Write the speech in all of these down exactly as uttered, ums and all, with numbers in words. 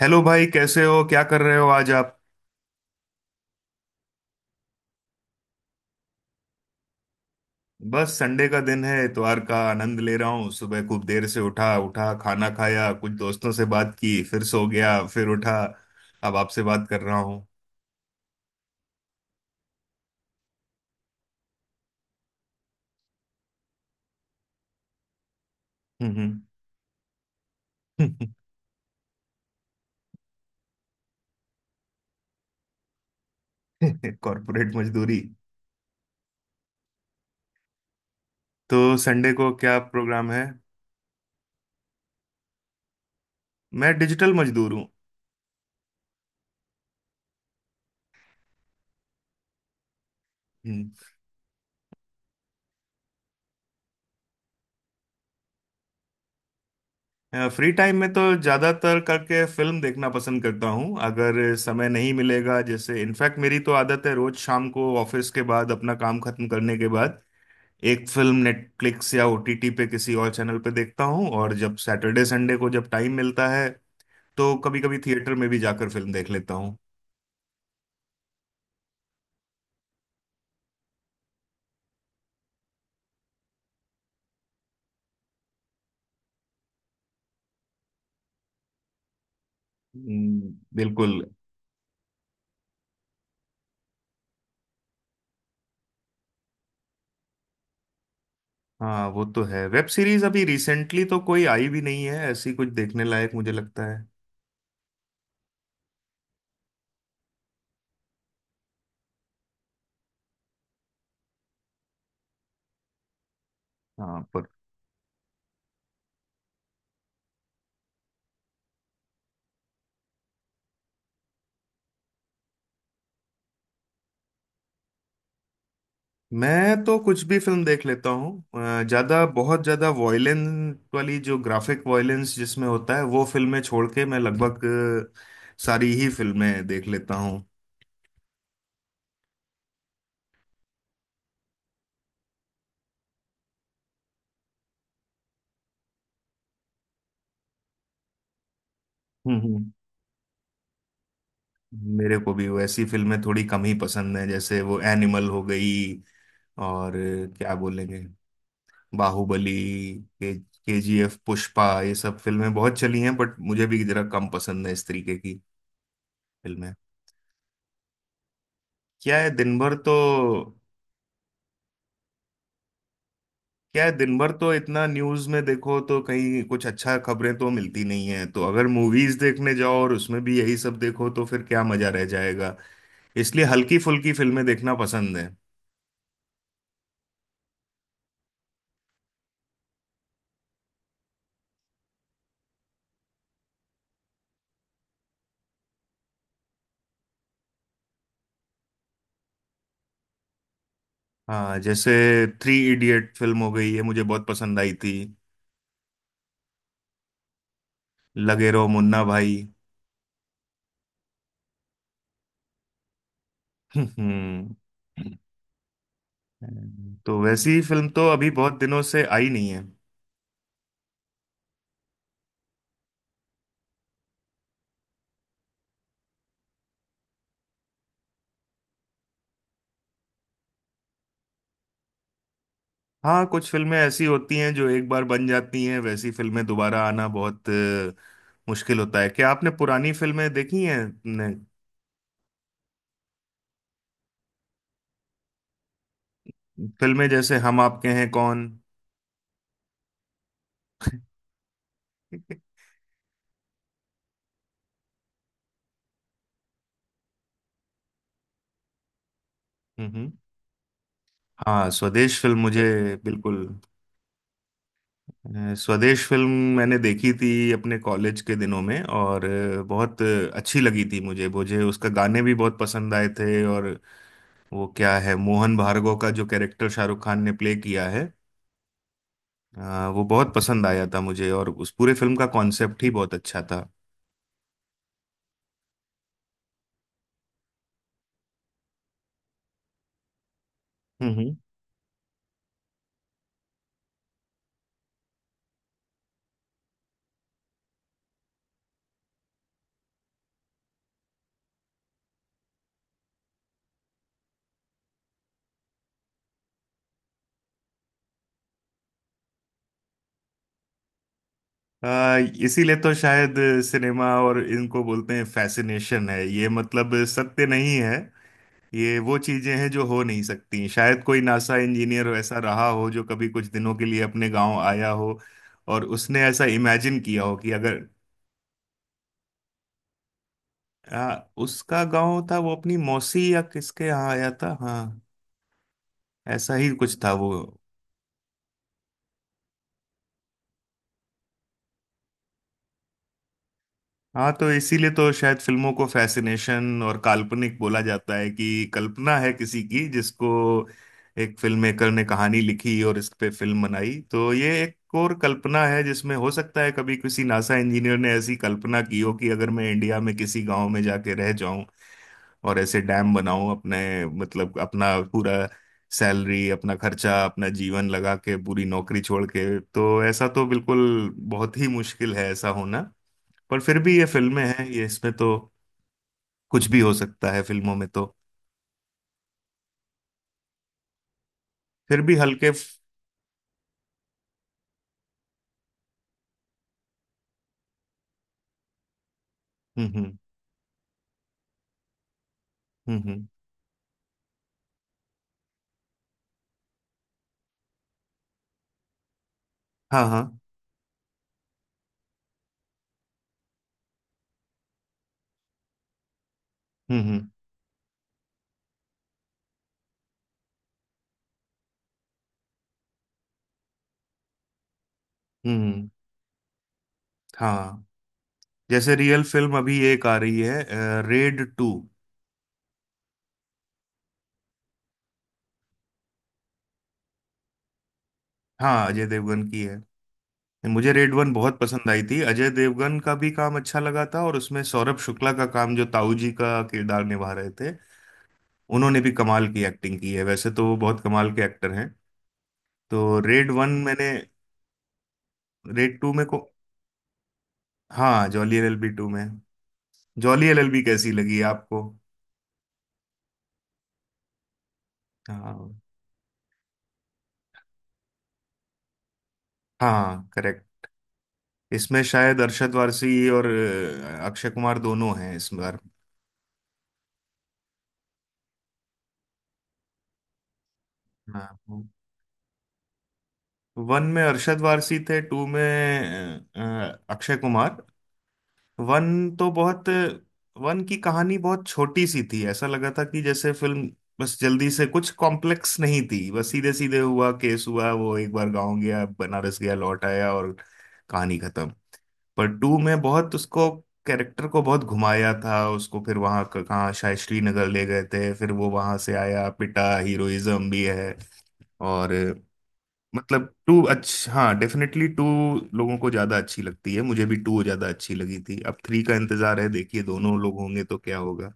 Hello भाई कैसे हो क्या कर रहे हो आज आप। बस संडे का दिन है इतवार का आनंद ले रहा हूँ। सुबह खूब देर से उठा उठा खाना खाया कुछ दोस्तों से बात की फिर सो गया फिर उठा। अब आपसे बात कर रहा हूँ। हम्म। कॉर्पोरेट मजदूरी। तो संडे को क्या प्रोग्राम है। मैं डिजिटल मजदूर हूँ। फ्री टाइम में तो ज्यादातर करके फिल्म देखना पसंद करता हूँ अगर समय नहीं मिलेगा जैसे इनफैक्ट मेरी तो आदत है रोज शाम को ऑफिस के बाद अपना काम खत्म करने के बाद एक फिल्म नेटफ्लिक्स या ओटीटी पे किसी और चैनल पे देखता हूँ। और जब सैटरडे संडे को जब टाइम मिलता है तो कभी कभी थिएटर में भी जाकर फिल्म देख लेता हूँ। हम्म, बिल्कुल। हाँ वो तो है। वेब सीरीज अभी रिसेंटली तो कोई आई भी नहीं है ऐसी कुछ देखने लायक मुझे लगता है। हाँ पर मैं तो कुछ भी फिल्म देख लेता हूँ, अ, ज्यादा बहुत ज्यादा वॉयलेंस वाली जो ग्राफिक वॉयलेंस जिसमें होता है वो फिल्में छोड़ के मैं लगभग अ, सारी ही फिल्में देख लेता हूँ। हम्म हम्म। मेरे को भी वैसी फिल्में थोड़ी कम ही पसंद है जैसे वो एनिमल हो गई और क्या बोलेंगे बाहुबली के केजीएफ पुष्पा ये सब फिल्में बहुत चली हैं बट मुझे भी जरा कम पसंद है इस तरीके की फिल्में। क्या है दिन भर तो। क्या है दिन भर तो इतना न्यूज में देखो तो कहीं कुछ अच्छा खबरें तो मिलती नहीं है तो अगर मूवीज देखने जाओ और उसमें भी यही सब देखो तो फिर क्या मजा रह जाएगा। इसलिए हल्की फुल्की फिल्में देखना पसंद है। हाँ जैसे थ्री इडियट फिल्म हो गई ये मुझे बहुत पसंद आई थी। लगे रहो मुन्ना भाई। हम्म। तो वैसी फिल्म तो अभी बहुत दिनों से आई नहीं है। हाँ कुछ फिल्में ऐसी होती हैं जो एक बार बन जाती हैं वैसी फिल्में दोबारा आना बहुत अ, मुश्किल होता है। क्या आपने पुरानी फिल्में देखी हैं। ने- फिल्में जैसे हम आपके हैं कौन। हम्म। हाँ स्वदेश फिल्म मुझे बिल्कुल। अ, स्वदेश फिल्म मैंने देखी थी अपने कॉलेज के दिनों में और अ, बहुत अ, अच्छी लगी थी मुझे। मुझे उसका गाने भी बहुत पसंद आए थे। और वो क्या है मोहन भार्गव का जो कैरेक्टर शाहरुख खान ने प्ले किया है, अ, वो बहुत पसंद आया था मुझे और उस पूरे फिल्म का कॉन्सेप्ट ही बहुत अच्छा था। हम्म हम्म। आ, इसीलिए तो शायद सिनेमा और इनको बोलते हैं फैसिनेशन है, ये मतलब सत्य नहीं है। ये वो चीजें हैं जो हो नहीं सकती। शायद कोई नासा इंजीनियर वैसा रहा हो जो कभी कुछ दिनों के लिए अपने गांव आया हो और उसने ऐसा इमेजिन किया हो कि अगर आ, उसका गांव था वो अपनी मौसी या किसके यहाँ आया था। हाँ ऐसा ही कुछ था वो। हाँ तो इसीलिए तो शायद फिल्मों को फैसिनेशन और काल्पनिक बोला जाता है कि कल्पना है किसी की, जिसको एक फिल्म मेकर ने कहानी लिखी और इस पे फिल्म बनाई। तो ये एक और कल्पना है जिसमें हो सकता है कभी किसी नासा इंजीनियर ने ऐसी कल्पना की हो कि अगर मैं इंडिया में किसी गांव में जाके रह जाऊं और ऐसे डैम बनाऊं अपने, मतलब अपना पूरा सैलरी अपना खर्चा अपना जीवन लगा के पूरी नौकरी छोड़ के, तो ऐसा तो बिल्कुल बहुत ही मुश्किल है ऐसा होना। पर फिर भी ये फिल्में हैं, ये इसमें तो कुछ भी हो सकता है फिल्मों में तो। फिर भी हल्के। हम्म हम्म। हम्म हम्म, हाँ। हाँ। हम्म हम्म। हम्म हम्म, हाँ जैसे रियल फिल्म अभी एक आ रही है रेड टू। हाँ अजय देवगन की है। मुझे रेड वन बहुत पसंद आई थी। अजय देवगन का भी काम अच्छा लगा था और उसमें सौरभ शुक्ला का काम जो ताऊ जी का किरदार निभा रहे थे, उन्होंने भी कमाल की एक्टिंग की है, वैसे तो वो बहुत कमाल के एक्टर हैं। तो रेड वन मैंने, रेड टू में को, हाँ Jolly L L B two में जॉली एलएलबी कैसी लगी आपको। हाँ हाँ करेक्ट। इसमें शायद अरशद वारसी और अ, अक्षय कुमार दोनों हैं इस बार। हाँ वन में अरशद वारसी थे, टू में अ, अ, अक्षय कुमार। वन तो बहुत। वन की कहानी बहुत छोटी सी थी, ऐसा लगा था कि जैसे फिल्म बस जल्दी से, कुछ कॉम्प्लेक्स नहीं थी, बस सीधे सीधे हुआ केस हुआ वो एक बार गांव गया बनारस गया लौट आया और कहानी खत्म। पर टू में बहुत उसको कैरेक्टर को बहुत घुमाया था, उसको फिर वहां क- कहाँ शायद श्रीनगर ले गए थे, फिर वो वहां से आया, पिटा, हीरोइज्म भी है। और मतलब टू अच्छा, हाँ डेफिनेटली टू लोगों को ज्यादा अच्छी लगती है। मुझे भी टू ज्यादा अच्छी लगी थी। अब थ्री का इंतजार है, देखिए दोनों लोग होंगे तो क्या होगा।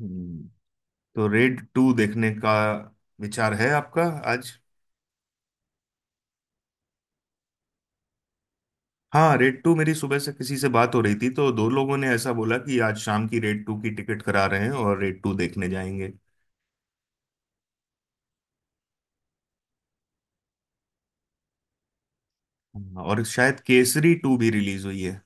हम्म। तो रेड टू देखने का विचार है आपका आज। हाँ रेड टू, मेरी सुबह से किसी से बात हो रही थी तो दो लोगों ने ऐसा बोला कि आज शाम की रेड टू की टिकट करा रहे हैं और रेड टू देखने जाएंगे। हाँ, और शायद केसरी टू भी रिलीज हुई है।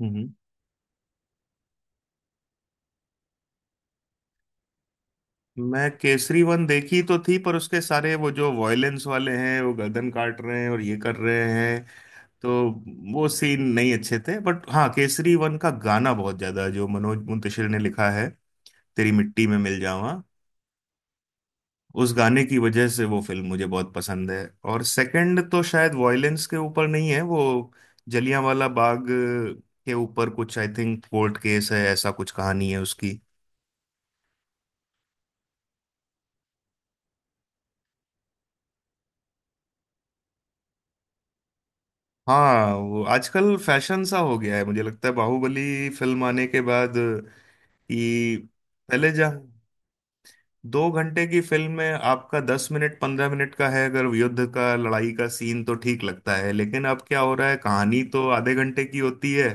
हम्म। मैं केसरी वन देखी तो थी, पर उसके सारे वो जो वॉयलेंस वाले हैं वो गर्दन काट रहे हैं और ये कर रहे हैं, तो वो सीन नहीं अच्छे थे। बट हाँ केसरी वन का गाना बहुत ज्यादा है, जो मनोज मुंतशिर ने लिखा है। तेरी मिट्टी में मिल जावा। उस गाने की वजह से वो फिल्म मुझे बहुत पसंद है। और सेकंड तो शायद वॉयलेंस के ऊपर नहीं है वो, जलियांवाला बाग के ऊपर कुछ, आई थिंक कोर्ट केस है, ऐसा कुछ कहानी है उसकी। हाँ वो आजकल फैशन सा हो गया है मुझे लगता है बाहुबली फिल्म आने के बाद कि पहले जा दो घंटे की फिल्म में आपका दस मिनट पंद्रह मिनट का है अगर युद्ध का, लड़ाई का सीन, तो ठीक लगता है। लेकिन अब क्या हो रहा है, कहानी तो आधे घंटे की होती है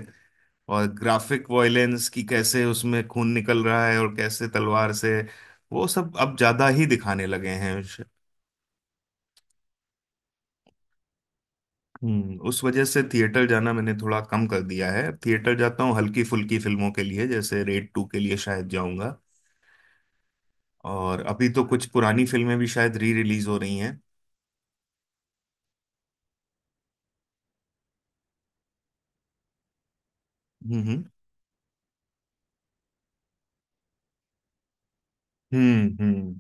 और ग्राफिक वॉयलेंस की कैसे उसमें खून निकल रहा है और कैसे तलवार से, वो सब अब ज्यादा ही दिखाने लगे हैं। हम्म, उस वजह से थिएटर जाना मैंने थोड़ा कम कर दिया है। थिएटर जाता हूँ हल्की फुल्की फिल्मों के लिए, जैसे रेड टू के लिए शायद जाऊंगा। और अभी तो कुछ पुरानी फिल्में भी शायद री रिलीज हो रही हैं। हम्म हम्म हम्म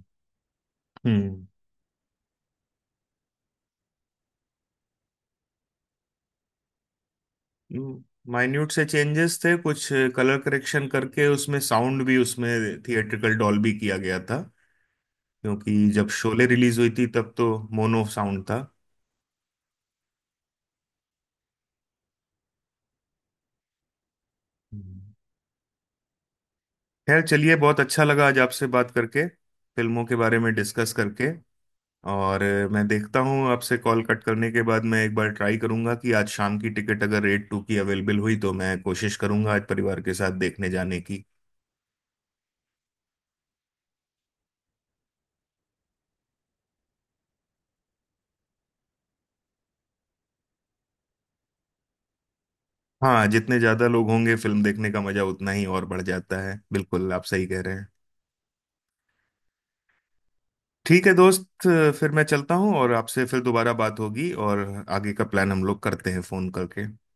हम्म हम्म। माइन्यूट से चेंजेस थे कुछ, कलर करेक्शन करके, उसमें साउंड भी उसमें थिएट्रिकल डॉल्बी किया गया था। क्योंकि जब शोले रिलीज हुई थी तब तो मोनो साउंड था। हम्म। खैर चलिए, बहुत अच्छा लगा आज आपसे बात करके, फिल्मों के बारे में डिस्कस करके। और अ, मैं देखता हूँ, आपसे कॉल कट करने के बाद मैं एक बार ट्राई करूंगा कि आज शाम की टिकट अगर रेट टू की अवेलेबल हुई तो मैं कोशिश करूंगा आज परिवार के साथ देखने जाने की। हाँ जितने ज्यादा लोग होंगे फिल्म देखने का मजा उतना ही और बढ़ जाता है, बिल्कुल आप सही कह रहे हैं। ठीक है दोस्त, अ, फिर मैं चलता हूँ और आपसे फिर दोबारा बात होगी और आगे का प्लान हम लोग करते हैं फोन करके।